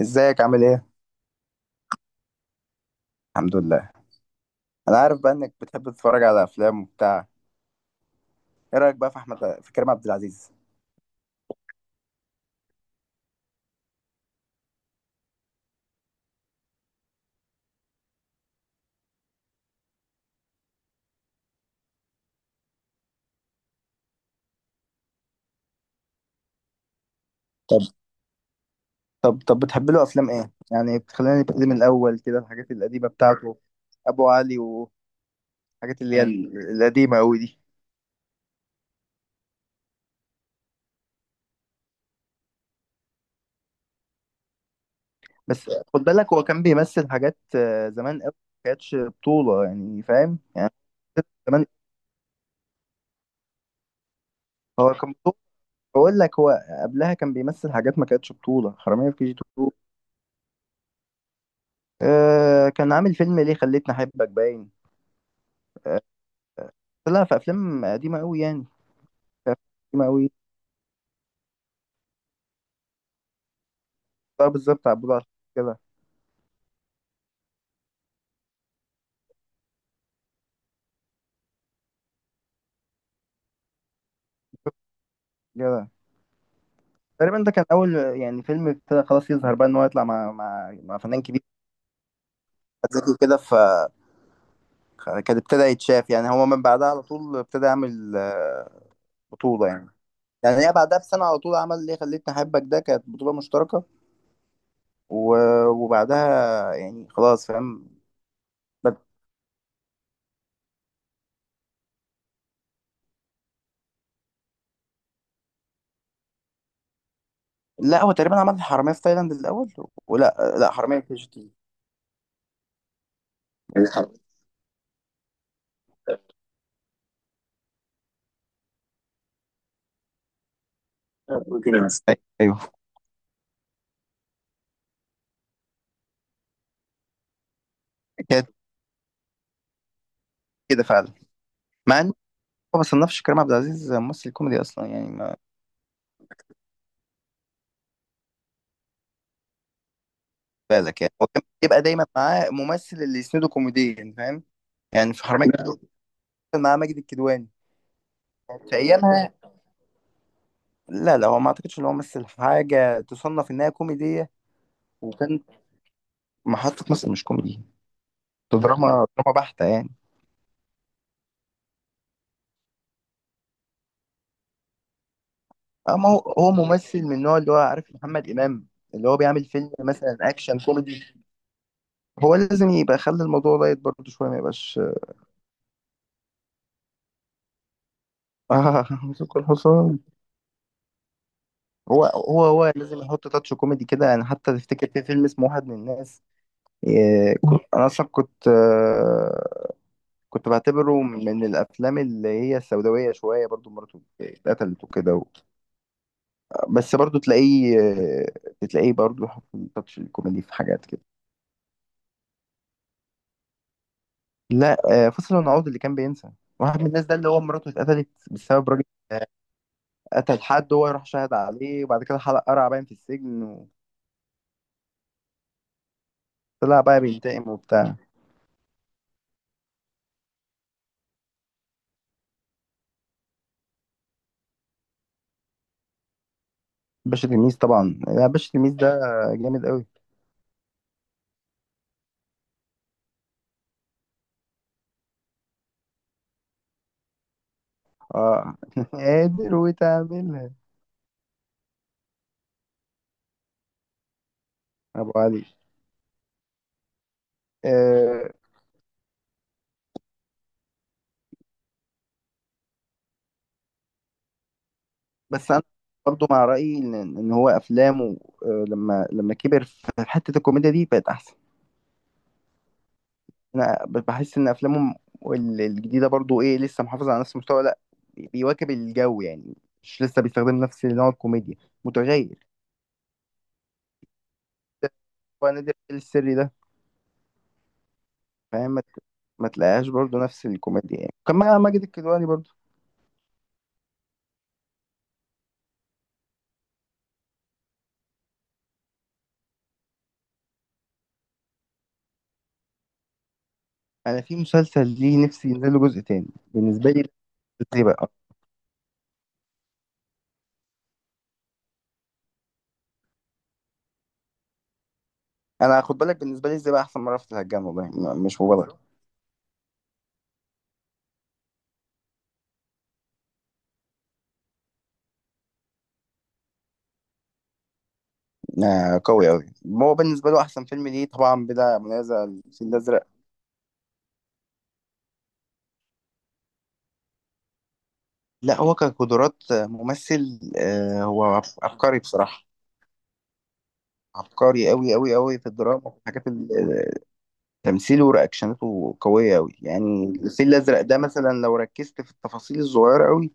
ازيك عامل ايه؟ الحمد لله. انا عارف بقى انك بتحب تتفرج على افلام وبتاع. ايه رايك بقى في احمد، في كريم عبد العزيز؟ طب طب بتحب له افلام ايه؟ يعني بتخلينا نبتدي من الاول كده، الحاجات القديمه بتاعته، ابو علي والحاجات اللي هي القديمه قوي دي. بس خد بالك، هو كان بيمثل حاجات زمان قوي ما كانتش بطوله، يعني فاهم يعني؟ زمان هو كان بطولة. بقول لك هو قبلها كان بيمثل حاجات ما كانتش بطوله، حراميه في كي جي 2. آه، كان عامل فيلم ليه خليتني احبك باين. لا في افلام قديمه قوي يعني، في افلام قديمه قوي. طب بالظبط عبود على كده كده. تقريبا ده كان اول يعني فيلم ابتدى خلاص يظهر بقى ان هو يطلع مع مع فنان كبير، زكي، كده. ف كان ابتدى يتشاف، يعني هو من بعدها على طول ابتدى يعمل بطوله يعني. يعني هي بعدها بسنه على طول عمل ليه خليتني احبك، ده كانت بطوله مشتركه. و... وبعدها يعني خلاص، فاهم؟ بد... لا هو تقريبا عمل حراميه في تايلاند الاول، ولا لا، حراميه في كي جي 2، الحرامية. ايوه كانت كده فعلا، مع ان ما بصنفش كريم عبد العزيز ممثل كوميدي اصلا. يعني ما بالك، يعني هو كان بيبقى دايما معاه ممثل اللي يسنده كوميديا، فاهم؟ يعني في حرامية في كيجي كان معاه ماجد الكدواني في ايامها. لا لا، هو ما اعتقدش ان هو مثل حاجه تصنف انها كوميديه. وكان محطه مصر مش كوميدي، ده دراما، دراما بحته يعني. اما هو هو ممثل من النوع اللي هو عارف محمد امام، اللي هو بيعمل فيلم مثلا اكشن كوميدي، هو لازم يبقى خلي الموضوع لايت برضه شويه، ما يبقاش. آه مسك الحصان. هو لازم يحط تاتش كوميدي كده يعني. حتى تفتكر في فيلم اسمه واحد من الناس؟ انا اصلا كنت بعتبره من الافلام اللي هي السوداويه شويه، برضو مراته اتقتلت وكده بس برضو تلاقيه برضو يحط تاتش الكوميدي في حاجات كده. لا فصل ونعود اللي كان بينسى. واحد من الناس ده اللي هو مراته اتقتلت بسبب راجل آه، قتل حد، هو يروح شاهد عليه، وبعد كده حلق قرع باين في السجن، وطلع بقى بينتقم وبتاع. باشا تلميذ طبعا، لا باشا تلميذ ده جامد قوي. اه قادر وتعملها. ابو علي. آه بس انا برضو مع رايي ان هو افلامه لما كبر في حته الكوميديا دي بقت احسن. انا بحس ان افلامه الجديده برضو ايه، لسه محافظه على نفس المستوى؟ لا، بيواكب الجو يعني، مش لسه بيستخدم نفس نوع الكوميديا، متغير. هو نادر السري ده فاهم، ما تلاقيهاش برضو نفس الكوميديا. يعني كان مع ماجد الكدواني برضو. انا في مسلسل ليه نفسي ينزل له جزء تاني. بالنسبه لي، ازاي بقى. انا خد بالك، بالنسبه لي ازاي بقى احسن مره، في الهجان، والله مش مبالغه. آه قوي قوي. هو بالنسبه له احسن فيلم ليه طبعا بلا منازع الفيل الازرق. لا هو كقدرات ممثل آه هو عبقري بصراحه، عبقري قوي قوي قوي في الدراما وفي حاجات تمثيله ورياكشناته قويه قوي. يعني الفيل الازرق ده مثلا لو ركزت في التفاصيل الصغيره قوي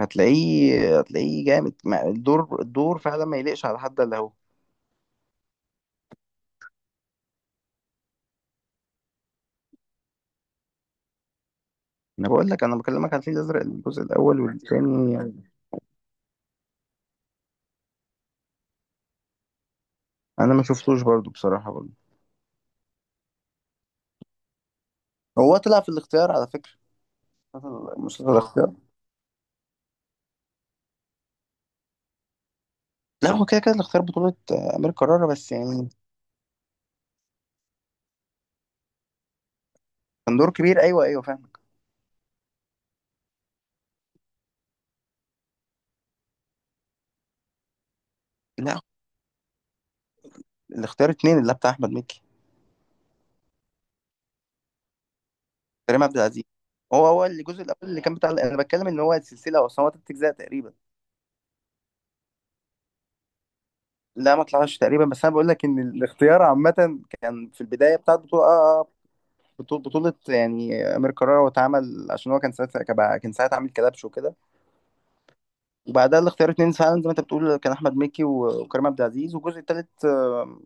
هتلاقيه جامد. الدور فعلا ما يليقش على حد الا هو. انا بقول لك، انا بكلمك على الفيل الازرق الجزء الاول والثاني. انا ما شفتوش برضو بصراحه برضو. هو طلع في الاختيار على فكره، مسلسل اه الاختيار. لا هو كده كده الاختيار بطوله امير كرارة بس يعني. كان دور كبير، ايوه ايوه فاهمك. لا، الاختيار اتنين اللي بتاع احمد مكي. كريم عبد العزيز، هو هو الجزء الاول اللي كان بتاع، انا بتكلم ان هو السلسله اصلا هو تلات اجزاء تقريبا. لا ما طلعش تقريبا، بس انا بقول لك ان الاختيار عامه كان في البدايه بتاعت بطوله اه اه، بطوله بطولة يعني امير كرارة، واتعمل عشان هو كان ساعتها، كان ساعتها عامل كلبش وكده. وبعدها الاختيار اتنين فعلا زي ما انت بتقول كان احمد مكي وكريم عبد العزيز، والجزء التالت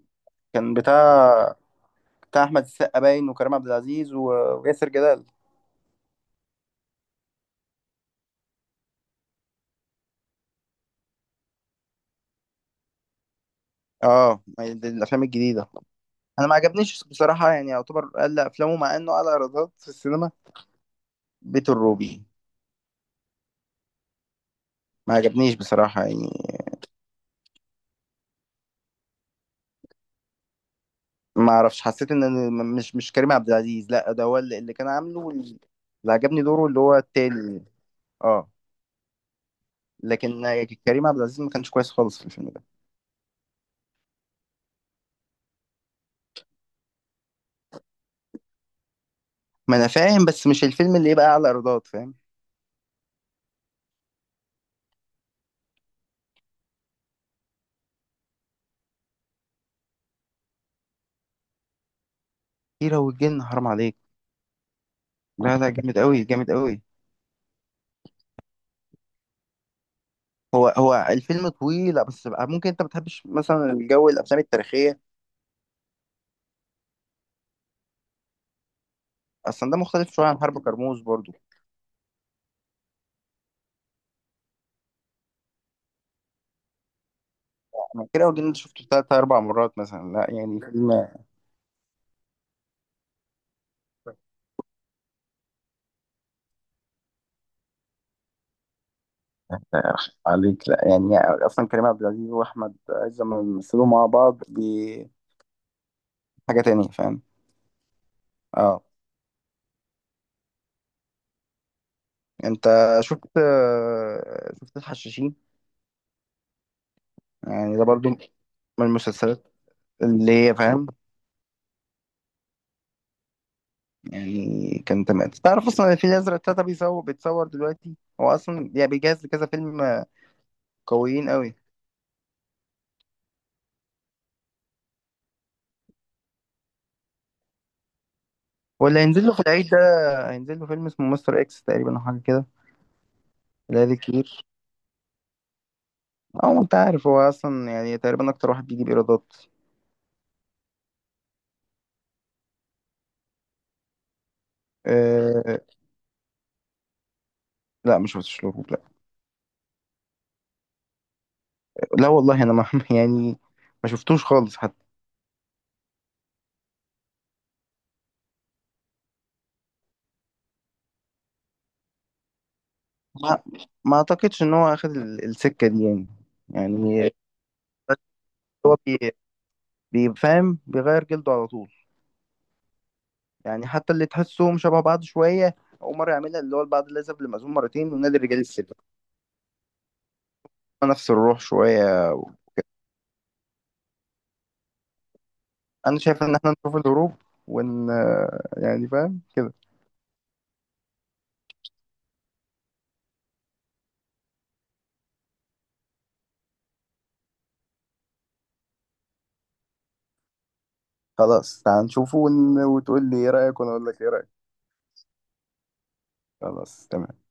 كان بتاع، بتاع احمد السقا باين وكريم عبد العزيز وياسر جلال. اه ما هي دي الافلام الجديده. انا ما عجبنيش بصراحه، يعني يعتبر اقل افلامه مع انه اعلى ايرادات في السينما. بيت الروبي ما عجبنيش بصراحه يعني. ما اعرفش، حسيت ان مش مش كريم عبد العزيز، لا ده هو اللي كان عامله، اللي عجبني دوره اللي هو التاني. اه. لكن كريم عبد العزيز ما كانش كويس خالص في الفيلم ده. ما انا فاهم، بس مش الفيلم اللي يبقى اعلى ايرادات، فاهم؟ كيرة والجن حرام عليك. لا لا جامد قوي جامد قوي. هو هو الفيلم طويل، لا بس بقى ممكن انت ما بتحبش مثلا الجو، الافلام التاريخيه؟ اصلا ده مختلف شويه عن حرب كرموز برضو. انا كيرة والجن ده شفته ثلاث اربع مرات مثلا، لا يعني فيلم آه، عليك، لا يعني. اصلا كريم عبد العزيز واحمد عز لما بيمثلوا مع بعض دي حاجه تانية، فاهم؟ اه. انت شفت الحشاشين؟ يعني ده برضو من المسلسلات اللي هي فاهم، يعني كان تمام. تعرف اصلا ان الفيل الازرق تلاته بيصور، بيتصور دلوقتي؟ هو اصلا يعني بيجهز لكذا فيلم قويين قوي. واللي هينزل له في العيد ده هينزل له فيلم اسمه مستر اكس تقريبا او حاجه كده. لا ذي كتير. او انت عارف هو اصلا يعني تقريبا اكتر واحد بيجيب ايرادات. أه. لا مش شفتش له لا. لا والله انا ما يعني ما شفتوش خالص حتى. ما ما اعتقدش ان هو اخد السكه دي يعني. يعني هو بي- بيفهم، بيغير جلده على طول. يعني حتى اللي تحسهم شبه بعض شوية، أول مرة يعملها، اللي هو البعض الأذهب للمأذون مرتين ونادي الرجال السلبي، نفس الروح شوية. أنا شايف إن إحنا نشوف الهروب ون يعني فاهم كده. خلاص تعال نشوفه وتقول لي إيه رأيك وأنا أقول لك إيه رأيك. خلاص تمام.